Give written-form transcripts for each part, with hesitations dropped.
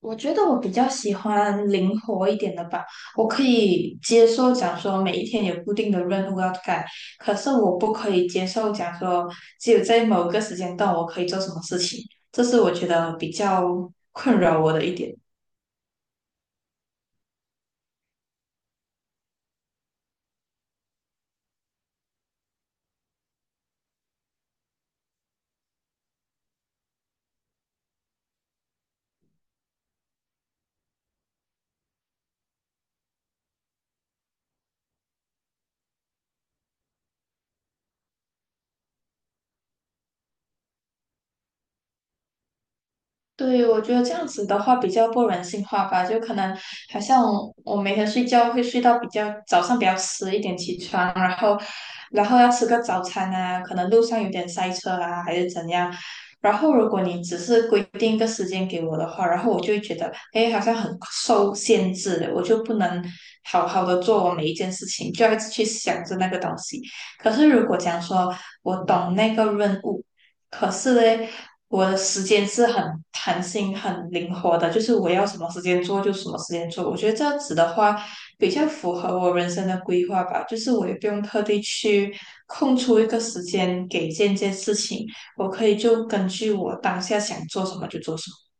我觉得我比较喜欢灵活一点的吧，我可以接受讲说每一天有固定的任务要干，可是我不可以接受讲说只有在某个时间段我可以做什么事情，这是我觉得比较困扰我的一点。对，我觉得这样子的话比较不人性化吧，就可能好像我每天睡觉会睡到比较早上比较迟一点起床，然后要吃个早餐啊，可能路上有点塞车啊，还是怎样。然后如果你只是规定一个时间给我的话，然后我就会觉得，哎，好像很受限制，我就不能好好的做我每一件事情，就要一直去想着那个东西。可是如果讲说我懂那个任务。可是嘞，我的时间是很弹性、很灵活的，就是我要什么时间做就什么时间做。我觉得这样子的话，比较符合我人生的规划吧。就是我也不用特地去空出一个时间给这件事情，我可以就根据我当下想做什么就做什么。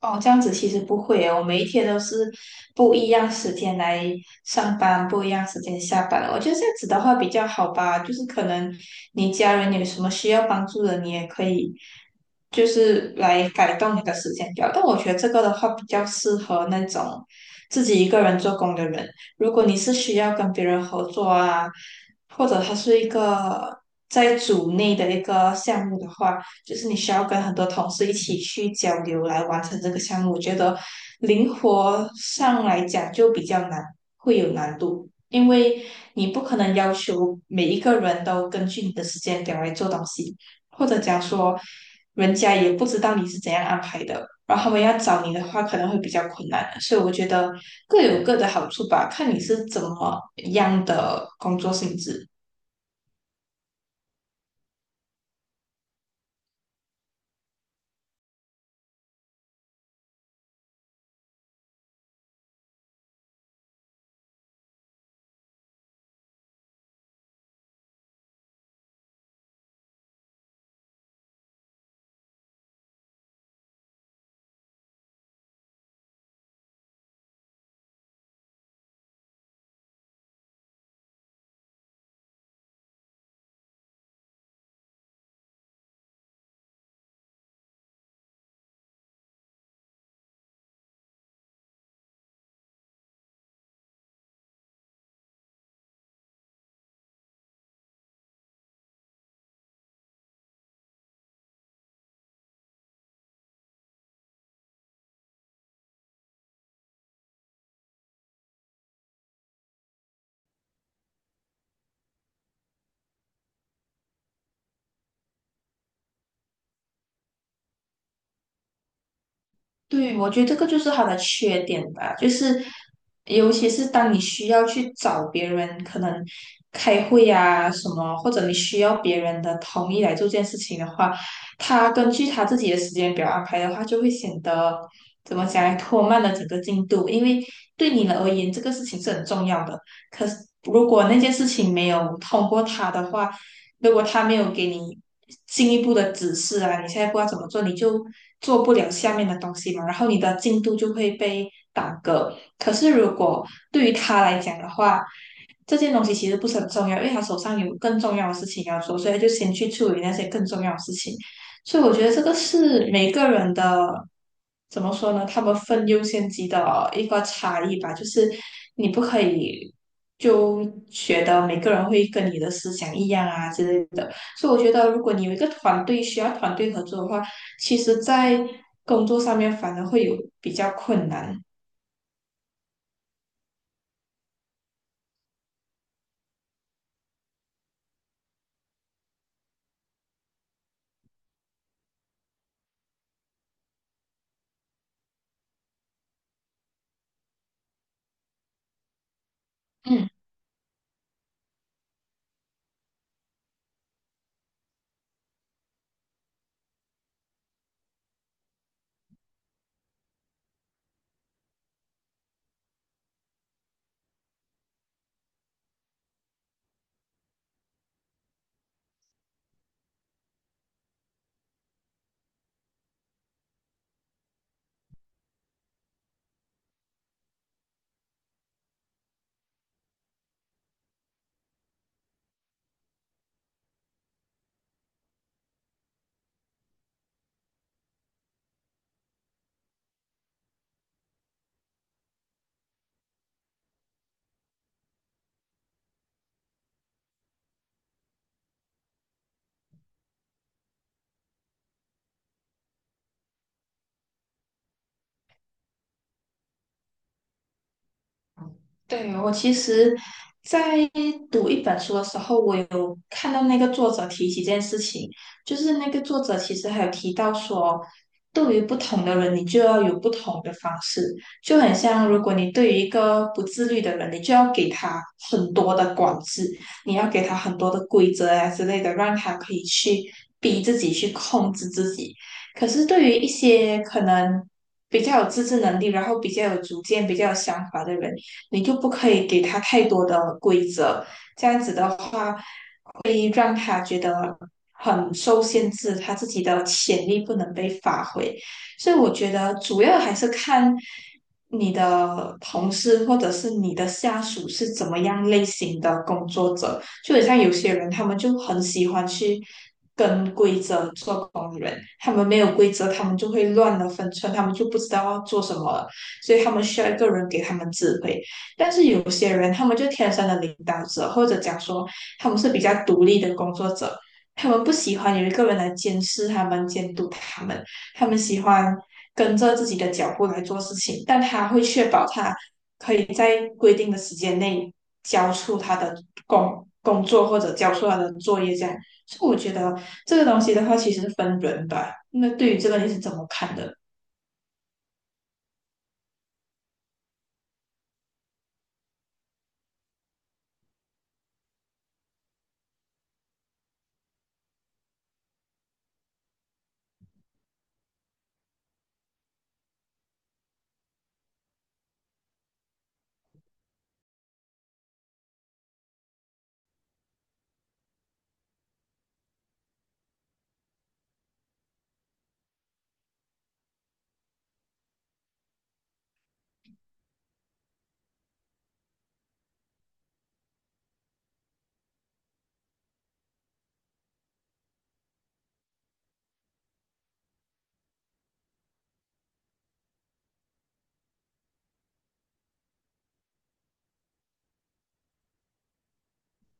哦，这样子其实不会耶，我每一天都是不一样时间来上班，不一样时间下班。我觉得这样子的话比较好吧，就是可能你家人有什么需要帮助的，你也可以就是来改动你的时间表。但我觉得这个的话比较适合那种自己一个人做工的人。如果你是需要跟别人合作啊，或者它是一个在组内的一个项目的话。就是你需要跟很多同事一起去交流来完成这个项目。我觉得灵活上来讲就比较难，会有难度，因为你不可能要求每一个人都根据你的时间表来做东西，或者讲说人家也不知道你是怎样安排的，然后他们要找你的话可能会比较困难。所以我觉得各有各的好处吧，看你是怎么样的工作性质。对，我觉得这个就是他的缺点吧，就是尤其是当你需要去找别人，可能开会呀、什么，或者你需要别人的同意来做这件事情的话，他根据他自己的时间表安排的话，就会显得怎么讲，拖慢了整个进度，因为对你而言，这个事情是很重要的。可是如果那件事情没有通过他的话，如果他没有给你进一步的指示啊，你现在不知道怎么做，你就做不了下面的东西嘛，然后你的进度就会被耽搁。可是如果对于他来讲的话，这件东西其实不是很重要，因为他手上有更重要的事情要做，所以他就先去处理那些更重要的事情。所以我觉得这个是每个人的怎么说呢？他们分优先级的一个差异吧，就是你不可以就觉得每个人会跟你的思想一样啊之类的。所以我觉得，如果你有一个团队需要团队合作的话，其实在工作上面反而会有比较困难。嗯。对，我其实，在读一本书的时候，我有看到那个作者提起这件事情，就是那个作者其实还有提到说，对于不同的人，你就要有不同的方式，就很像如果你对于一个不自律的人，你就要给他很多的管制，你要给他很多的规则啊之类的，让他可以去逼自己去控制自己。可是对于一些可能比较有自制能力，然后比较有主见、比较有想法的人，你就不可以给他太多的规则，这样子的话会让他觉得很受限制，他自己的潜力不能被发挥。所以我觉得主要还是看你的同事或者是你的下属是怎么样类型的工作者。就很像有些人，他们就很喜欢去跟规则做工人，他们没有规则，他们就会乱了分寸，他们就不知道要做什么了，所以他们需要一个人给他们指挥。但是有些人他们就天生的领导者，或者讲说他们是比较独立的工作者，他们不喜欢有一个人来监视他们、监督他们，他们喜欢跟着自己的脚步来做事情，但他会确保他可以在规定的时间内交出他的工作或者交出他的作业这样。所以我觉得这个东西的话，其实是分人吧。那对于这个你是怎么看的？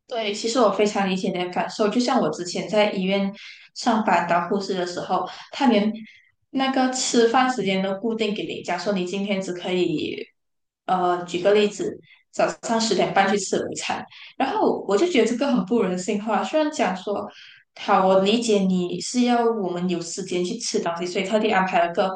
对，其实我非常理解你的感受。就像我之前在医院上班当护士的时候，他连那个吃饭时间都固定给你，假如说你今天只可以，举个例子，早上10:30去吃午餐，然后我就觉得这个很不人性化。虽然讲说，好，我理解你是要我们有时间去吃东西，所以特地安排了个，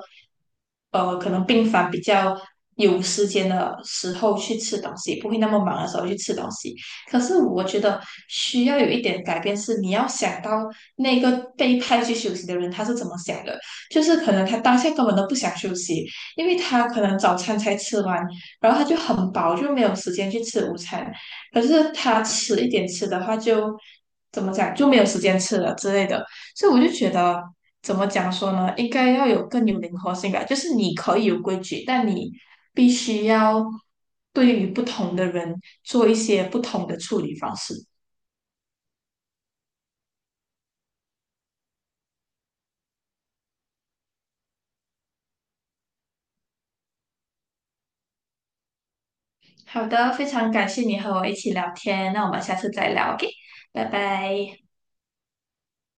可能病房比较有时间的时候去吃东西，不会那么忙的时候去吃东西。可是我觉得需要有一点改变，是你要想到那个被派去休息的人他是怎么想的，就是可能他当下根本都不想休息，因为他可能早餐才吃完，然后他就很饱，就没有时间去吃午餐。可是他迟一点吃的话就，怎么讲就没有时间吃了之类的。所以我就觉得，怎么讲说呢？应该要有更有灵活性吧。就是你可以有规矩，但你必须要对于不同的人做一些不同的处理方式。好的，非常感谢你和我一起聊天，那我们下次再聊，OK，拜拜。